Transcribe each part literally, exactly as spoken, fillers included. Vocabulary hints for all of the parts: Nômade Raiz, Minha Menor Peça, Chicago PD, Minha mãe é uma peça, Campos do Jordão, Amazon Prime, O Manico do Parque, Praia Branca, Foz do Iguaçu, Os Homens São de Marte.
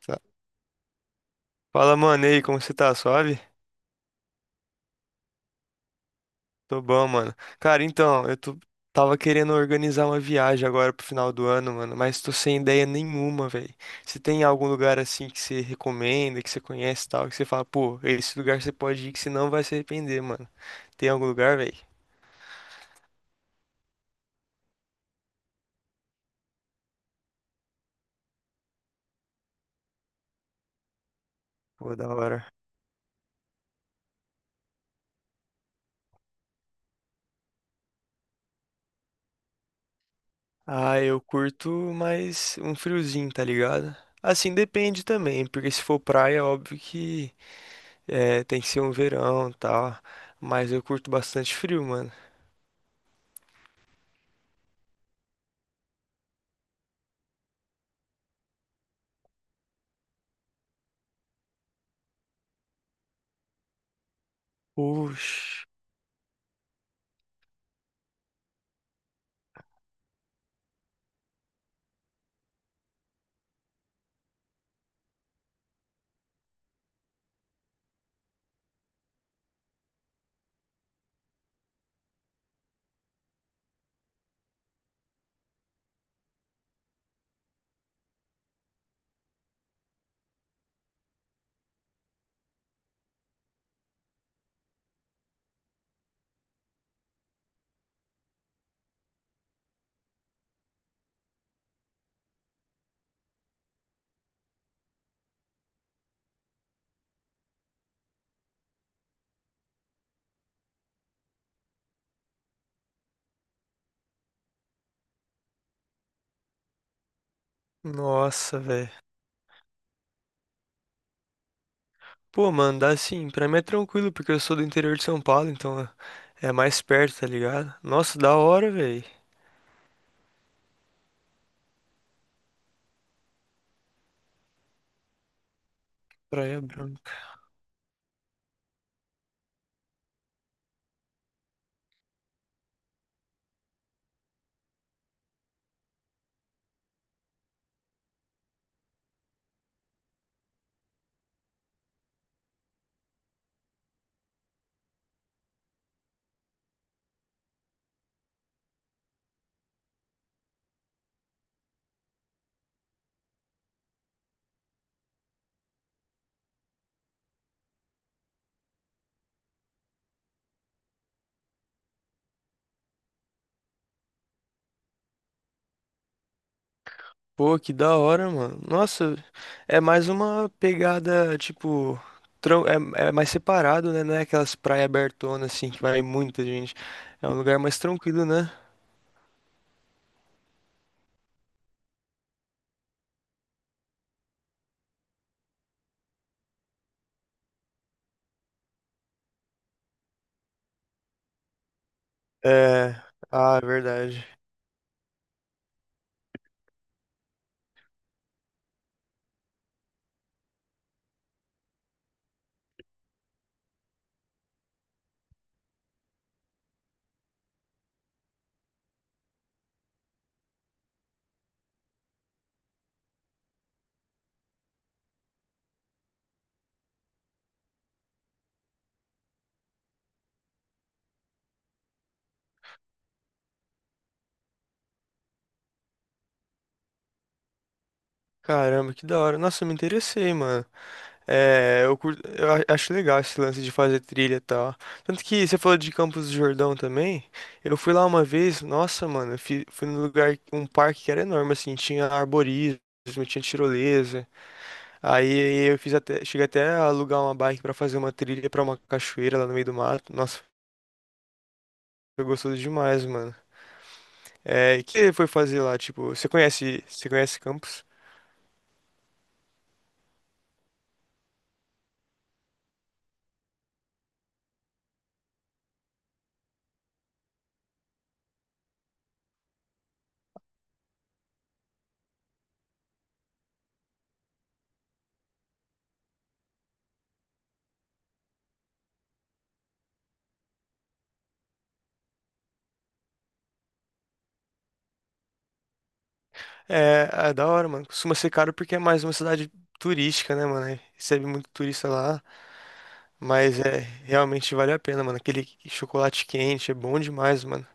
Sa- Fala, mano, e aí, como você tá? Suave? Tô bom, mano. Cara, então, eu tô... tava querendo organizar uma viagem agora pro final do ano, mano, mas tô sem ideia nenhuma, velho. Você tem algum lugar assim que você recomenda, que você conhece e tal, que você fala, pô, esse lugar você pode ir que você não vai se arrepender, mano. Tem algum lugar, velho? Pô, da hora. Ah, eu curto mais um friozinho, tá ligado? Assim, depende também, porque se for praia, óbvio que é, tem que ser um verão e tal. Mas eu curto bastante frio, mano. Oxe, nossa, velho. Pô, mano, dá assim, pra mim é tranquilo, porque eu sou do interior de São Paulo, então é é mais perto, tá ligado? Nossa, da hora, velho. Praia Branca. Pô, que da hora, mano. Nossa, é mais uma pegada, tipo, tran- é, é mais separado, né? Não é aquelas praias abertonas, assim, que vai muita gente. É um lugar mais tranquilo, né? É, ah, verdade. Caramba, que da hora. Nossa, eu me interessei, mano. É, eu, curto, eu a- acho legal esse lance de fazer trilha e tal. Tanto que você falou de Campos do Jordão também. Eu fui lá uma vez, nossa, mano, eu fi- fui, num lugar, um parque que era enorme, assim, tinha arborismo, tinha tirolesa. Aí eu fiz até, cheguei até a alugar uma bike pra fazer uma trilha pra uma cachoeira lá no meio do mato. Nossa, foi gostoso demais, mano. É, e o que você foi fazer lá? Tipo, você conhece, você conhece Campos? É, é da hora, mano. Costuma ser caro porque é mais uma cidade turística, né, mano? Recebe muito turista lá. Mas é, realmente vale a pena, mano. Aquele chocolate quente é bom demais, mano.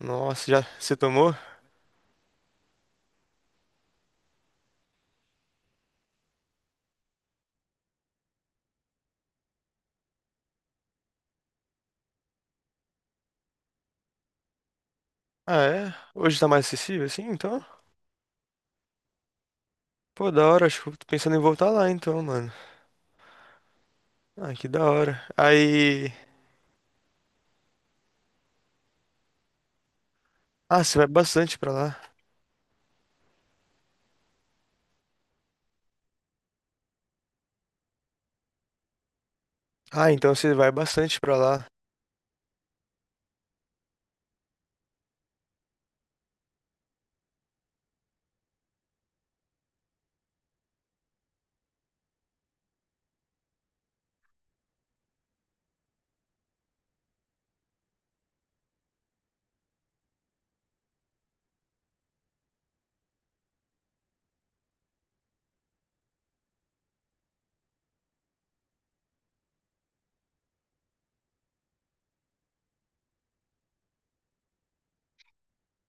Nossa, já você tomou? Ah, é? Hoje tá mais acessível assim, então? Pô, da hora, acho que eu tô pensando em voltar lá então, mano. Ah, que da hora. Aí. Ah, você vai bastante pra lá. Ah, então você vai bastante pra lá.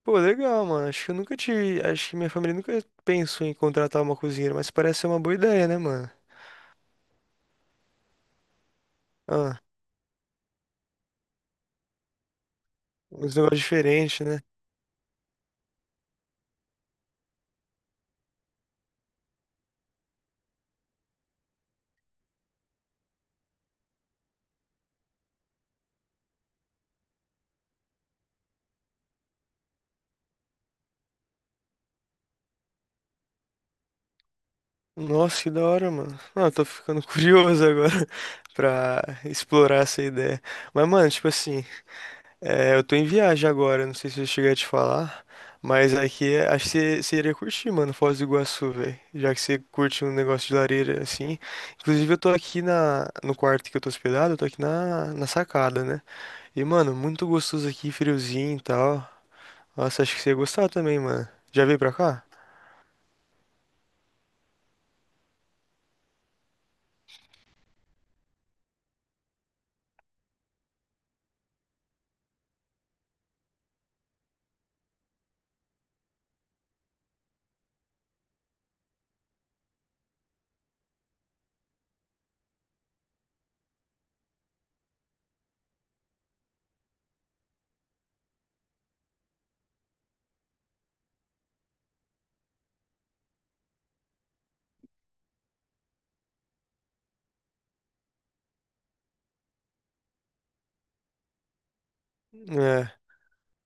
Pô, legal, mano. Acho que eu nunca tive. Acho que minha família nunca pensou em contratar uma cozinheira, mas parece ser uma boa ideia, né, mano? Ah, uns negócios diferentes, né? Nossa, que da hora, mano. Não, eu tô ficando curioso agora pra explorar essa ideia. Mas, mano, tipo assim, é, eu tô em viagem agora, não sei se eu cheguei a te falar, mas aqui é- acho que você você iria curtir, mano, Foz do Iguaçu, velho. Já que você curte um negócio de lareira assim. Inclusive, eu tô aqui na, no quarto que eu tô hospedado, eu tô aqui na, na sacada, né? E, mano, muito gostoso aqui, friozinho e tal. Nossa, acho que você ia gostar também, mano. Já veio pra cá? É.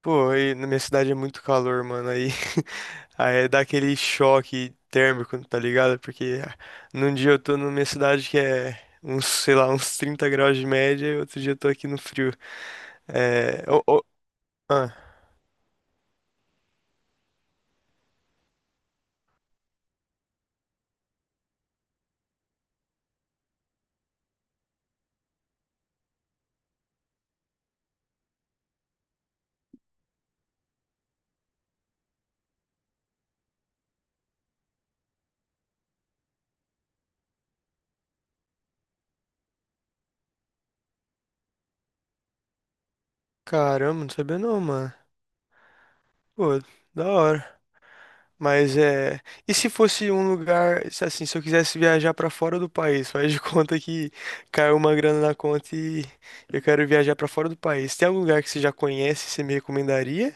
Pô, aí na minha cidade é muito calor, mano. Aí, aí dá aquele choque térmico, tá ligado? Porque ah, num dia eu tô na minha cidade que é uns, sei lá, uns trinta graus de média, e outro dia eu tô aqui no frio. É. Ô, ô, ah, caramba, não sabia não, mano. Pô, da hora. Mas é. E se fosse um lugar, se assim, se eu quisesse viajar pra fora do país, faz de conta que caiu uma grana na conta e eu quero viajar pra fora do país. Tem algum lugar que você já conhece e você me recomendaria?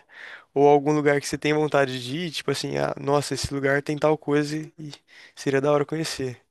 Ou algum lugar que você tem vontade de ir, tipo assim, ah, nossa, esse lugar tem tal coisa e seria da hora conhecer.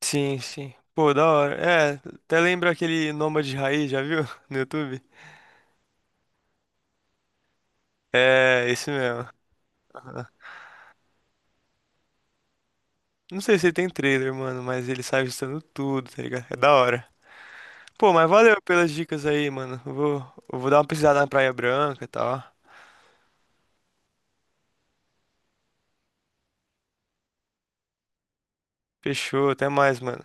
Sim, sim. Pô, da hora. É, até lembra aquele Nômade Raiz, já viu? No YouTube? É, esse mesmo. Ah. Não sei se ele tem trailer, mano, mas ele sai ajustando tudo, tá ligado? É da hora. Pô, mas valeu pelas dicas aí, mano. Eu vou, eu vou dar uma pesquisada na Praia Branca e tal. Fechou, até mais, mano.